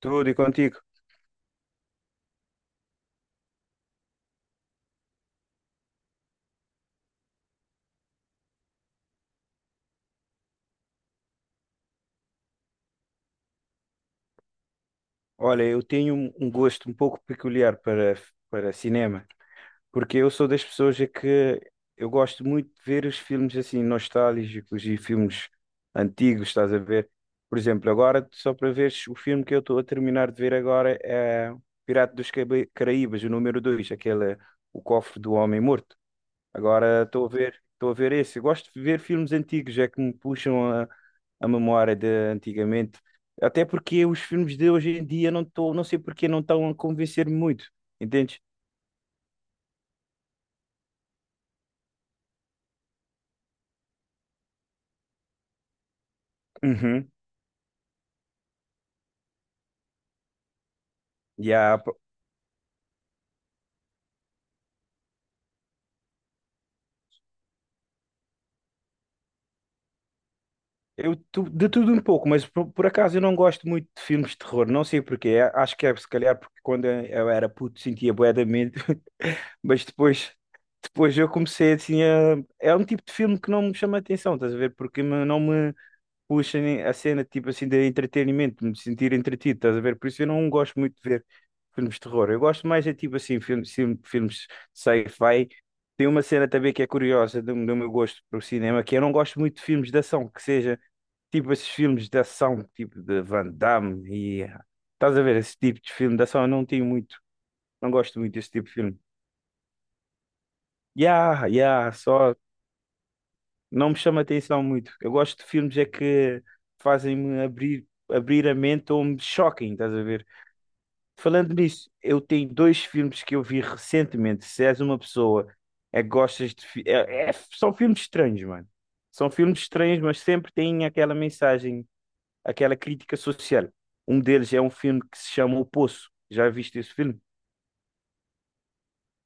Tudo e contigo. Olha, eu tenho um gosto um pouco peculiar para, para cinema, porque eu sou das pessoas a que eu gosto muito de ver os filmes assim nostálgicos e filmes antigos, estás a ver? Por exemplo, agora, só para veres, o filme que eu estou a terminar de ver agora é Caraíbas, o número 2, aquele, O Cofre do Homem Morto. Agora estou a ver esse. Eu gosto de ver filmes antigos, é que me puxam a memória de antigamente, até porque os filmes de hoje em dia não sei porque não estão a convencer-me muito, entendes? Uhum. Yeah, pá. De tudo um pouco, mas por acaso eu não gosto muito de filmes de terror, não sei porquê, acho que é se calhar porque quando eu era puto sentia bué de medo, mas depois, depois eu comecei assim a... É um tipo de filme que não me chama a atenção, estás a ver? Não me puxa a cena tipo assim de entretenimento, de me sentir entretido, estás a ver? Por isso eu não gosto muito de ver filmes de terror. Eu gosto mais é tipo assim, filmes sci-fi. Tem uma cena também que é curiosa do meu gosto para o cinema, que eu não gosto muito de filmes de ação, que seja tipo esses filmes de ação, tipo de Van Damme e estás a ver esse tipo de filme de ação, eu não tenho muito, não gosto muito desse tipo de filme. Yeah, yeah, só não me chama atenção muito. Eu gosto de filmes é que fazem-me abrir a mente ou me choquem, estás a ver? Falando nisso, eu tenho dois filmes que eu vi recentemente. Se és uma pessoa é que gostas de. São filmes estranhos, mano. São filmes estranhos, mas sempre têm aquela mensagem, aquela crítica social. Um deles é um filme que se chama O Poço. Já viste esse filme?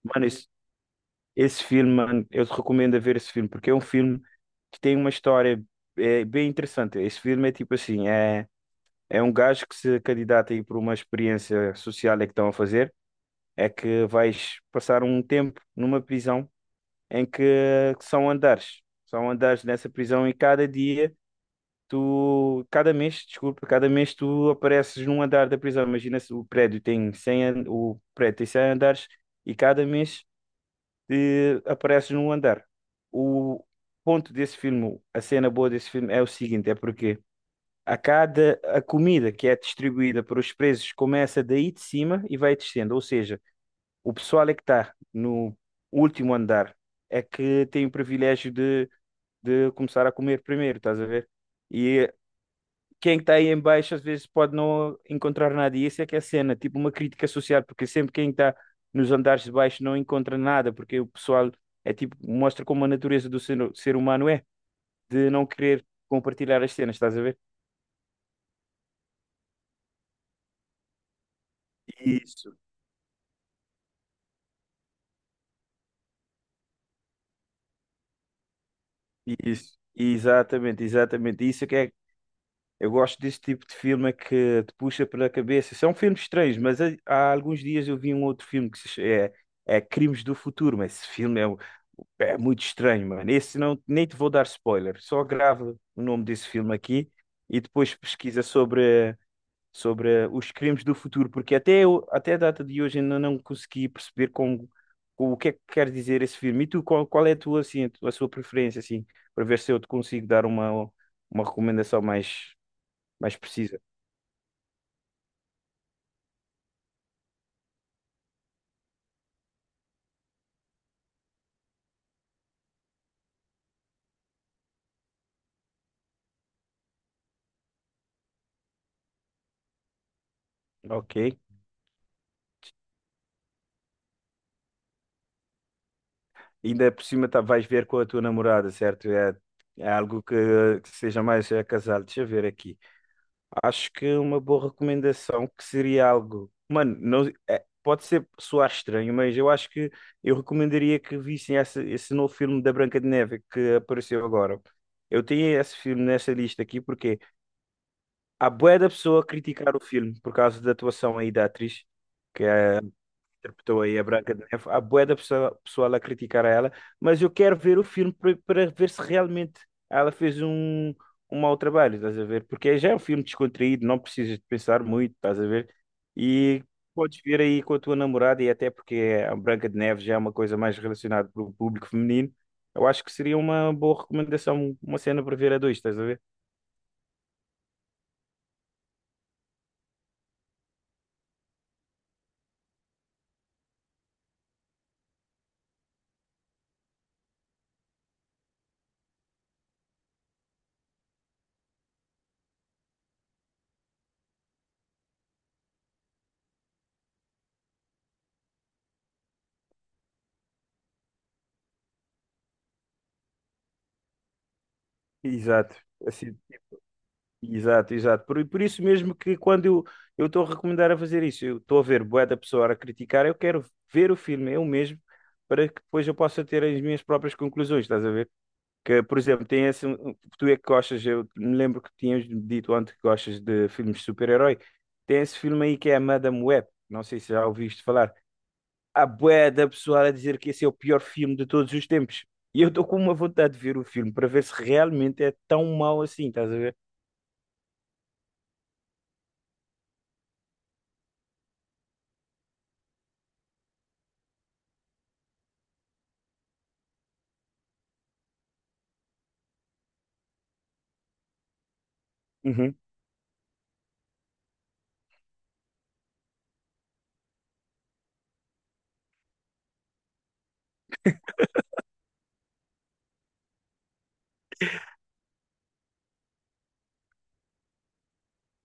Mano, esse, Esse filme, mano, eu te recomendo a ver esse filme, porque é um filme que tem uma história é, bem interessante. Esse filme é tipo assim, é um gajo que se candidata aí por uma experiência social é que estão a fazer, é que vais passar um tempo numa prisão em que são andares. São andares nessa prisão e cada dia desculpa, cada mês tu apareces num andar da prisão. Imagina se o prédio o prédio tem 100 andares e cada mês apareces num andar. O ponto desse filme, a cena boa desse filme é o seguinte, é porque a comida que é distribuída para os presos começa daí de cima e vai descendo, ou seja, o pessoal é que está no último andar é que tem o privilégio de começar a comer primeiro, estás a ver? E quem está aí em baixo às vezes pode não encontrar nada. E essa é que é a cena, tipo uma crítica social, porque sempre quem está nos andares de baixo não encontra nada, porque o pessoal é tipo, mostra como a natureza do ser humano é, de não querer compartilhar as cenas, estás a ver? Isso, isso. Exatamente, exatamente. Isso é que é. Eu gosto desse tipo de filme é que te puxa pela cabeça. São filmes estranhos, mas há alguns dias eu vi um outro filme que se ch- é, é Crimes do Futuro, mas esse filme é muito estranho, mano. Esse não, nem te vou dar spoiler. Só grava o nome desse filme aqui e depois pesquisa sobre os crimes do futuro, porque até a data de hoje ainda não consegui perceber como, o que é que quer dizer esse filme. E tu, qual é a tua, assim, a tua- a sua preferência, assim, para ver se eu te consigo dar uma recomendação mais mais precisa. Ok. Ainda por cima tá, vais ver com a tua namorada, certo? É, é algo que seja mais é, casado. Deixa eu ver aqui. Acho que uma boa recomendação que seria algo. Mano, não, é, pode ser soar estranho, mas eu acho que eu recomendaria que vissem esse novo filme da Branca de Neve que apareceu agora. Eu tenho esse filme nessa lista aqui porque há bué da pessoa a criticar o filme por causa da atuação aí da atriz, que é interpretou aí a Branca de Neve. Há bué pessoal a criticar a ela, mas eu quero ver o filme para ver se realmente ela fez um, um mau trabalho, estás a ver? Porque já é um filme descontraído, não precisas de pensar muito, estás a ver? E podes ver aí com a tua namorada, e até porque a Branca de Neve já é uma coisa mais relacionada para o público feminino, eu acho que seria uma boa recomendação, uma cena para ver a dois, estás a ver? Exato. Exato, exato. Por isso mesmo que quando eu estou a recomendar a fazer isso, eu estou a ver bué da pessoa a criticar, eu quero ver o filme eu mesmo para que depois eu possa ter as minhas próprias conclusões, estás a ver? Que, por exemplo, tem esse, tu é que gostas, eu me lembro que tinhas dito antes que gostas de filmes de super-herói, tem esse filme aí que é a Madame Web, não sei se já ouviste falar. Há bué da pessoa a dizer que esse é o pior filme de todos os tempos. E eu estou com uma vontade de ver o filme para ver se realmente é tão mau assim, estás a ver?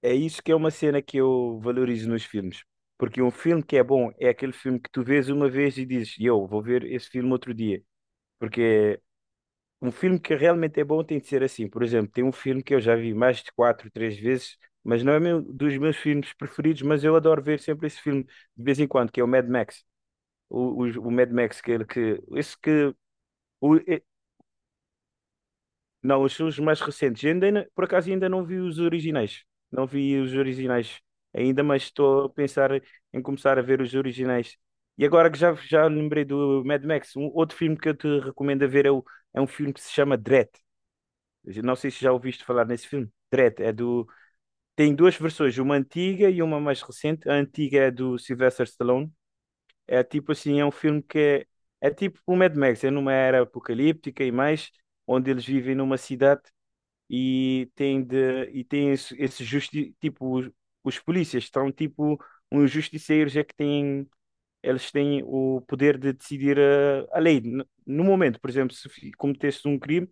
É isso que é uma cena que eu valorizo nos filmes. Porque um filme que é bom é aquele filme que tu vês uma vez e dizes, eu vou ver esse filme outro dia. Porque um filme que realmente é bom tem de ser assim. Por exemplo, tem um filme que eu já vi mais de três vezes, mas não é meu, dos meus filmes preferidos, mas eu adoro ver sempre esse filme de vez em quando, que é o Mad Max. O Mad Max, que, ele- que, esse que, o, não, os filmes mais recentes. Eu Ainda, não- Por acaso ainda não vi os originais. Não vi os originais ainda, mas estou a pensar em começar a ver os originais. E agora que já, já lembrei do Mad Max, um outro filme que eu te recomendo a ver é, é um filme que se chama Dredd. Eu não sei se já ouviste falar nesse filme. Dredd é do. Tem duas versões, uma antiga e uma mais recente. A antiga é do Sylvester Stallone. É tipo assim, é um filme que é tipo o Mad Max, é numa era apocalíptica e mais, onde eles vivem numa cidade e tem esse justi tipo os polícias estão tipo uns justiceiros é que têm eles têm o poder de decidir lei no momento. Por exemplo, se fi- cometeste um crime,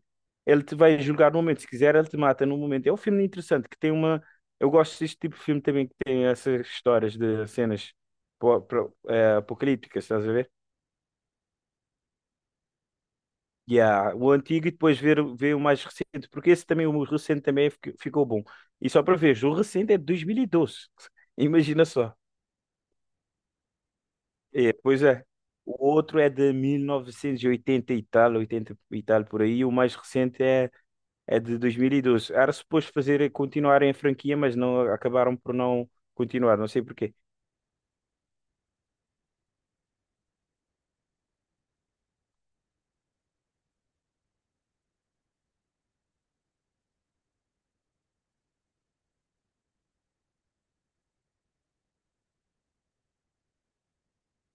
ele te vai julgar no momento. Se quiser, ele te mata no momento. É um filme interessante que tem uma, eu gosto deste tipo de filme também que tem essas histórias de cenas apocalípticas, estás a ver? Yeah, o antigo e depois ver o mais recente, porque esse também, o recente também ficou bom. E só para ver, o recente é de 2012. Imagina só. É, pois é. O outro é de 1980 e oitenta e tal, 80 e tal por aí. O mais recente é é de 2012. Era suposto fazer continuarem a franquia, mas não acabaram por não continuar, não sei porquê.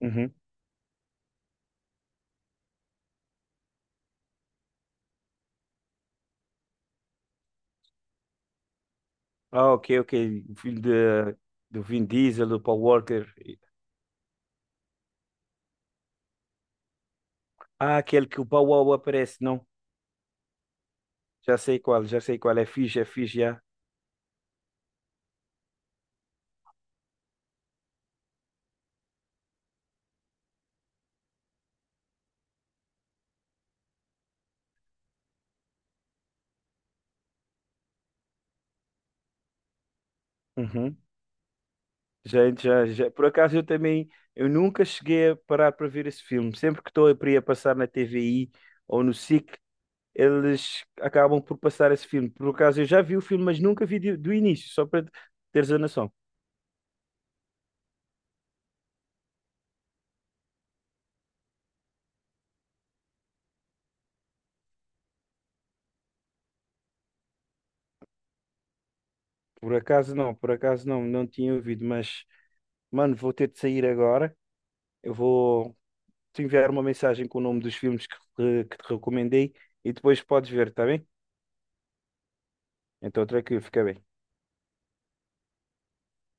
Uhum. Ah, ok, ok. Filho de, do Vin Diesel, do Paul Walker. Ah, aquele que o Paul Walker aparece, não? Já sei qual, já sei qual. É fixe, já. Uhum. Já, já, já. Por acaso eu também, eu nunca cheguei a parar para ver esse filme. Sempre que estou para ir a passar na TVI ou no SIC, eles acabam por passar esse filme. Por acaso eu já vi o filme, mas nunca vi do início, só para teres a noção. Por acaso não, não tinha ouvido, mas, mano, vou ter de sair agora. Eu vou te enviar uma mensagem com o nome dos filmes que te recomendei e depois podes ver, está bem? Então, tranquilo, fica bem.